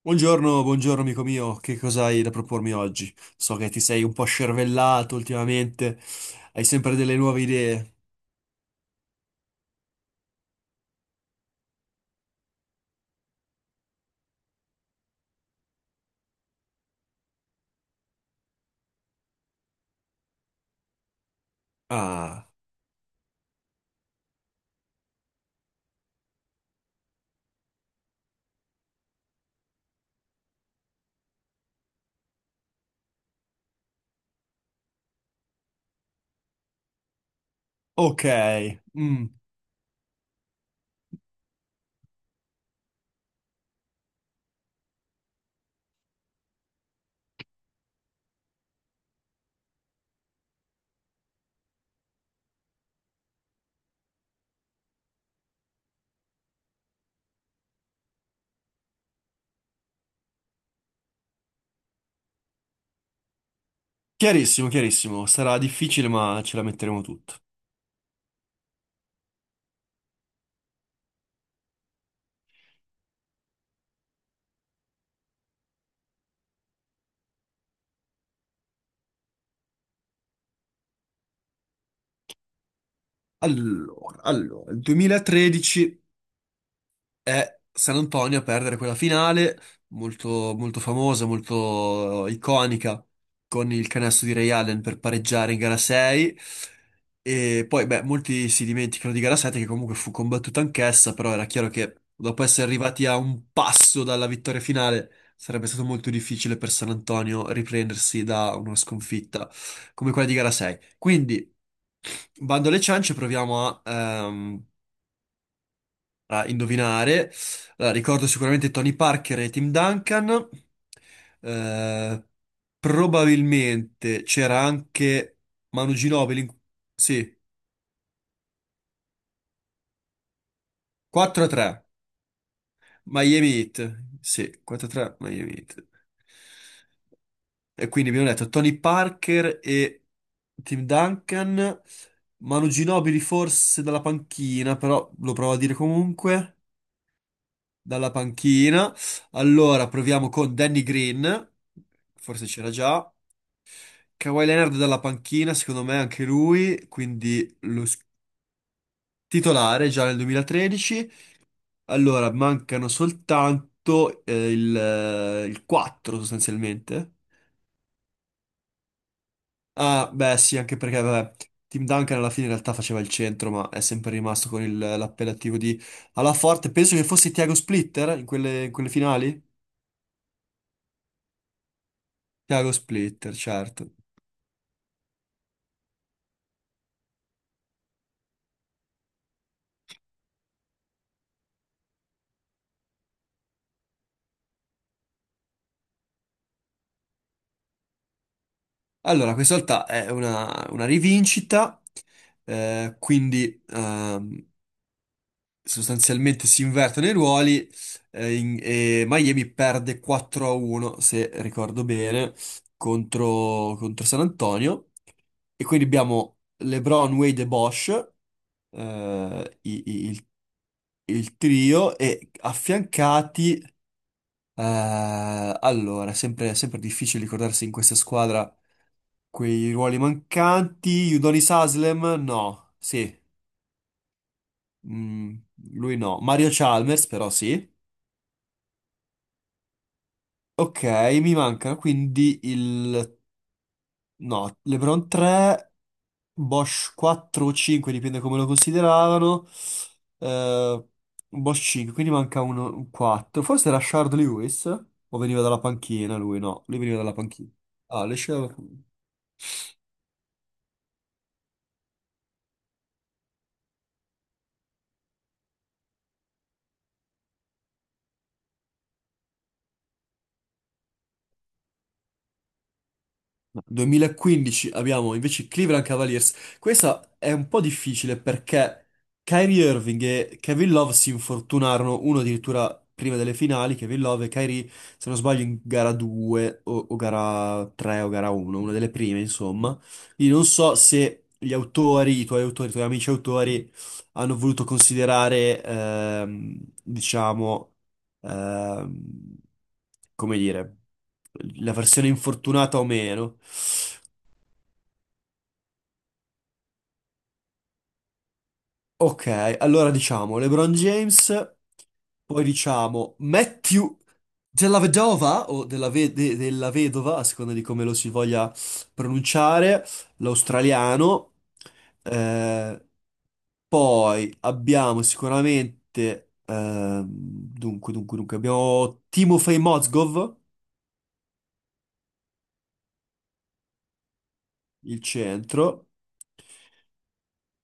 Buongiorno, buongiorno amico mio, che cosa hai da propormi oggi? So che ti sei un po' scervellato ultimamente, hai sempre delle nuove idee. Ah, ok. Mm. Chiarissimo, chiarissimo, sarà difficile ma ce la metteremo tutta. Allora, il 2013 è San Antonio a perdere quella finale, molto, molto famosa, molto iconica, con il canestro di Ray Allen per pareggiare in gara 6. E poi, beh, molti si dimenticano di gara 7, che comunque fu combattuta anch'essa, però era chiaro che dopo essere arrivati a un passo dalla vittoria finale, sarebbe stato molto difficile per San Antonio riprendersi da una sconfitta come quella di gara 6. Quindi, bando alle ciance, proviamo a indovinare. Allora, ricordo sicuramente Tony Parker e Tim Duncan. Eh, Probabilmente c'era anche Manu Ginobili. Sì, 4-3 Miami Heat. Sì, 4-3 Miami Heat. E quindi abbiamo detto Tony Parker e Tim Duncan. Manu Ginobili forse dalla panchina, però lo provo a dire comunque. Dalla panchina. Allora proviamo con Danny Green, forse c'era già. Kawhi Leonard dalla panchina, secondo me anche lui, titolare già nel 2013. Allora mancano soltanto il 4 sostanzialmente. Ah, beh, sì, anche perché vabbè, Tim Duncan alla fine in realtà faceva il centro, ma è sempre rimasto con l'appellativo di alla forte. Penso che fosse Thiago Splitter in quelle finali. Thiago Splitter, certo. Allora, questa volta è una rivincita, quindi sostanzialmente si invertono i ruoli e Miami perde 4 a 1, se ricordo bene, contro San Antonio. E quindi abbiamo LeBron, Wade e Bosch, eh, i- i- il, il trio, e affiancati, allora, sempre, sempre difficile ricordarsi in questa squadra quei ruoli mancanti. Udonis Haslem? No, sì. Mm, lui no. Mario Chalmers però sì. Ok, mi mancano quindi il... No, LeBron 3, Bosch 4 o 5, dipende come lo consideravano. Eh, Bosch 5, quindi manca uno, un 4. Forse era Shard Lewis? O veniva dalla panchina lui? No, lui veniva dalla panchina. Ah, le scelte. No, 2015 abbiamo invece i Cleveland Cavaliers. Questa è un po' difficile perché Kyrie Irving e Kevin Love si infortunarono, uno addirittura prima delle finali, Kevin Love e Kyrie, se non sbaglio, in gara 2 o gara 3 o gara 1, una delle prime, insomma. Quindi non so se gli autori, i tuoi amici autori, hanno voluto considerare, diciamo, ehm, come dire, la versione infortunata o meno. Ok, allora diciamo LeBron James, poi diciamo Matthew della Vedova o della Vedova, a seconda di come lo si voglia pronunciare, l'australiano. Eh, Poi abbiamo sicuramente, dunque, dunque, dunque, abbiamo Timofey Mozgov, il centro.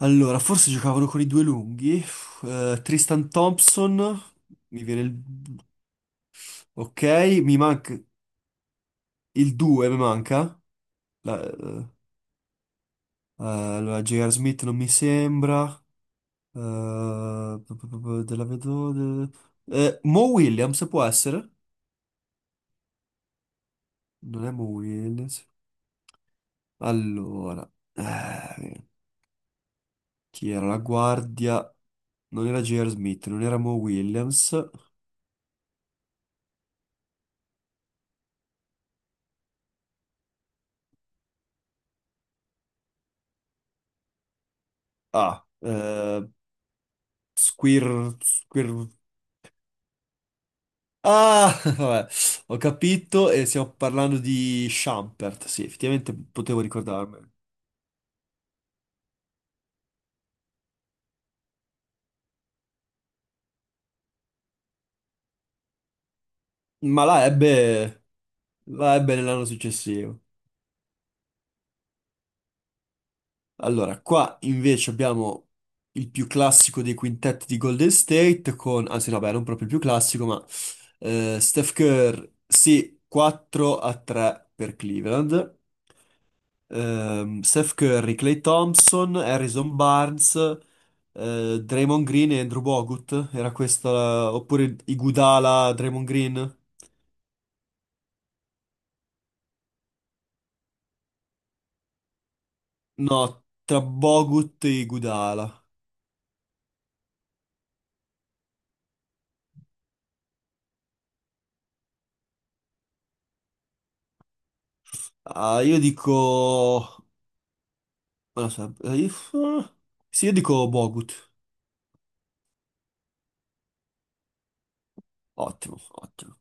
Allora, forse giocavano con i due lunghi. Tristan Thompson, mi viene il... Ok, mi manca... Il 2 mi manca. La- eh, allora, J.R. Smith non mi sembra. Della Vedova... Mo Williams può essere? Non è Mo Williams. Allora, chi era la guardia? Non era J.R. Smith, non era Mo Williams. Ah, Squir... Ah, vabbè, ho capito e stiamo parlando di Schampert. Sì, effettivamente potevo ricordarmene. Ma la ebbe nell'anno successivo. Allora, qua invece abbiamo il più classico dei quintetti di Golden State con, anzi no, beh, non proprio il più classico, ma Steph Curry, sì, 4 a 3 per Cleveland. Ehm, Steph Curry, Klay Thompson, Harrison Barnes, Draymond Green e Andrew Bogut. Era questa, oppure Iguodala, Draymond Green? No, tra Bogut e Iguodala. Ah, io dico... non lo so, sì, io dico Bogut. Ottimo, ottimo.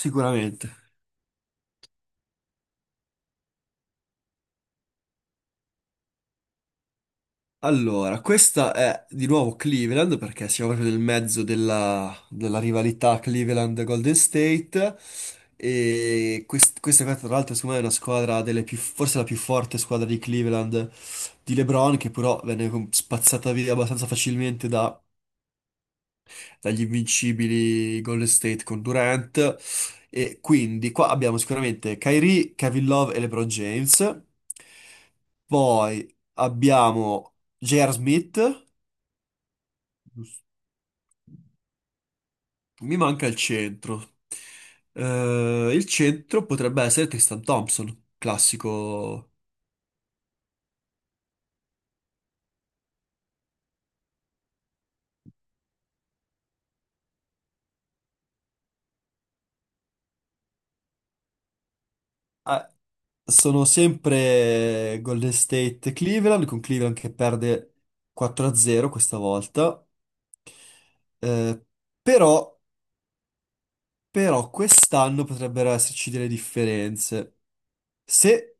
Sicuramente. Allora, questa è di nuovo Cleveland perché siamo proprio nel mezzo della rivalità Cleveland-Golden State e questa qua, tra l'altro secondo me è una squadra delle più, forse la più forte squadra di Cleveland di LeBron che però venne spazzata via abbastanza facilmente dagli invincibili Golden State con Durant. E quindi qua abbiamo sicuramente Kyrie, Kevin Love e LeBron James, poi abbiamo J.R. Smith. Giusto. Mi manca il centro. Il centro potrebbe essere Tristan Thompson, classico. Ah, sono sempre Golden State Cleveland, con Cleveland che perde 4-0 questa volta. Eh, però Però quest'anno potrebbero esserci delle differenze. Se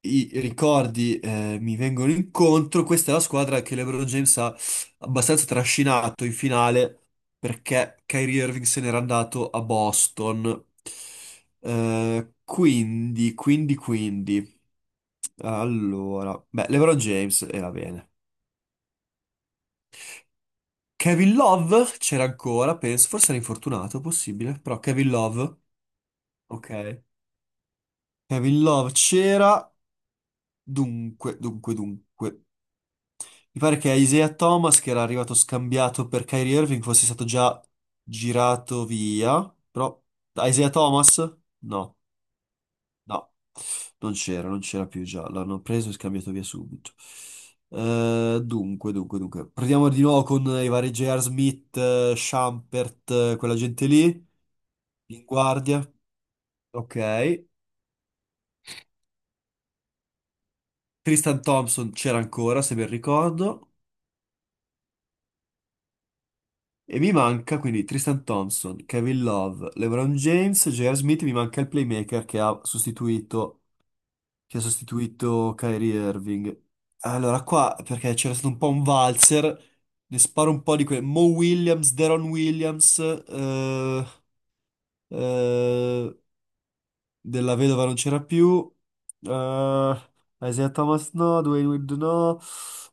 i ricordi, mi vengono incontro, questa è la squadra che LeBron James ha abbastanza trascinato in finale perché Kyrie Irving se n'era andato a Boston. Quindi, quindi, quindi. Allora, beh, LeBron James era bene. Kevin Love c'era ancora, penso, forse era infortunato, possibile, però Kevin Love, ok. Kevin Love c'era. Dunque, dunque, dunque. Mi pare che Isaiah Thomas, che era arrivato scambiato per Kyrie Irving, fosse stato già girato via. Però Isaiah Thomas? No, no, non c'era, non c'era più già. L'hanno preso e scambiato via subito. Dunque, dunque, dunque. Proviamo di nuovo con i vari J.R. Smith, Shumpert, quella gente lì, in guardia. Ok. Tristan Thompson c'era ancora, se ben ricordo. E mi manca quindi Tristan Thompson, Kevin Love, LeBron James, J.R. Smith, mi manca il playmaker che ha sostituito Kyrie Irving. Allora qua, perché c'era stato un po' un valzer, ne sparo un po' di quelle. Mo Williams, Deron Williams, eh, della vedova non c'era più, eh, Isaiah Thomas no, Dwayne Wade no,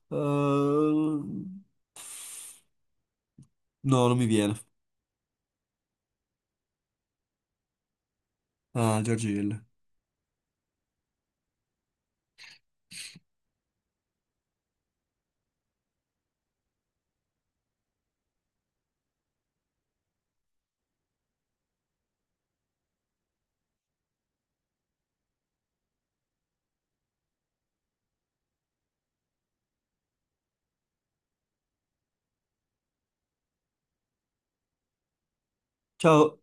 eh, no, non mi viene. Ah, George Hill. Ciao.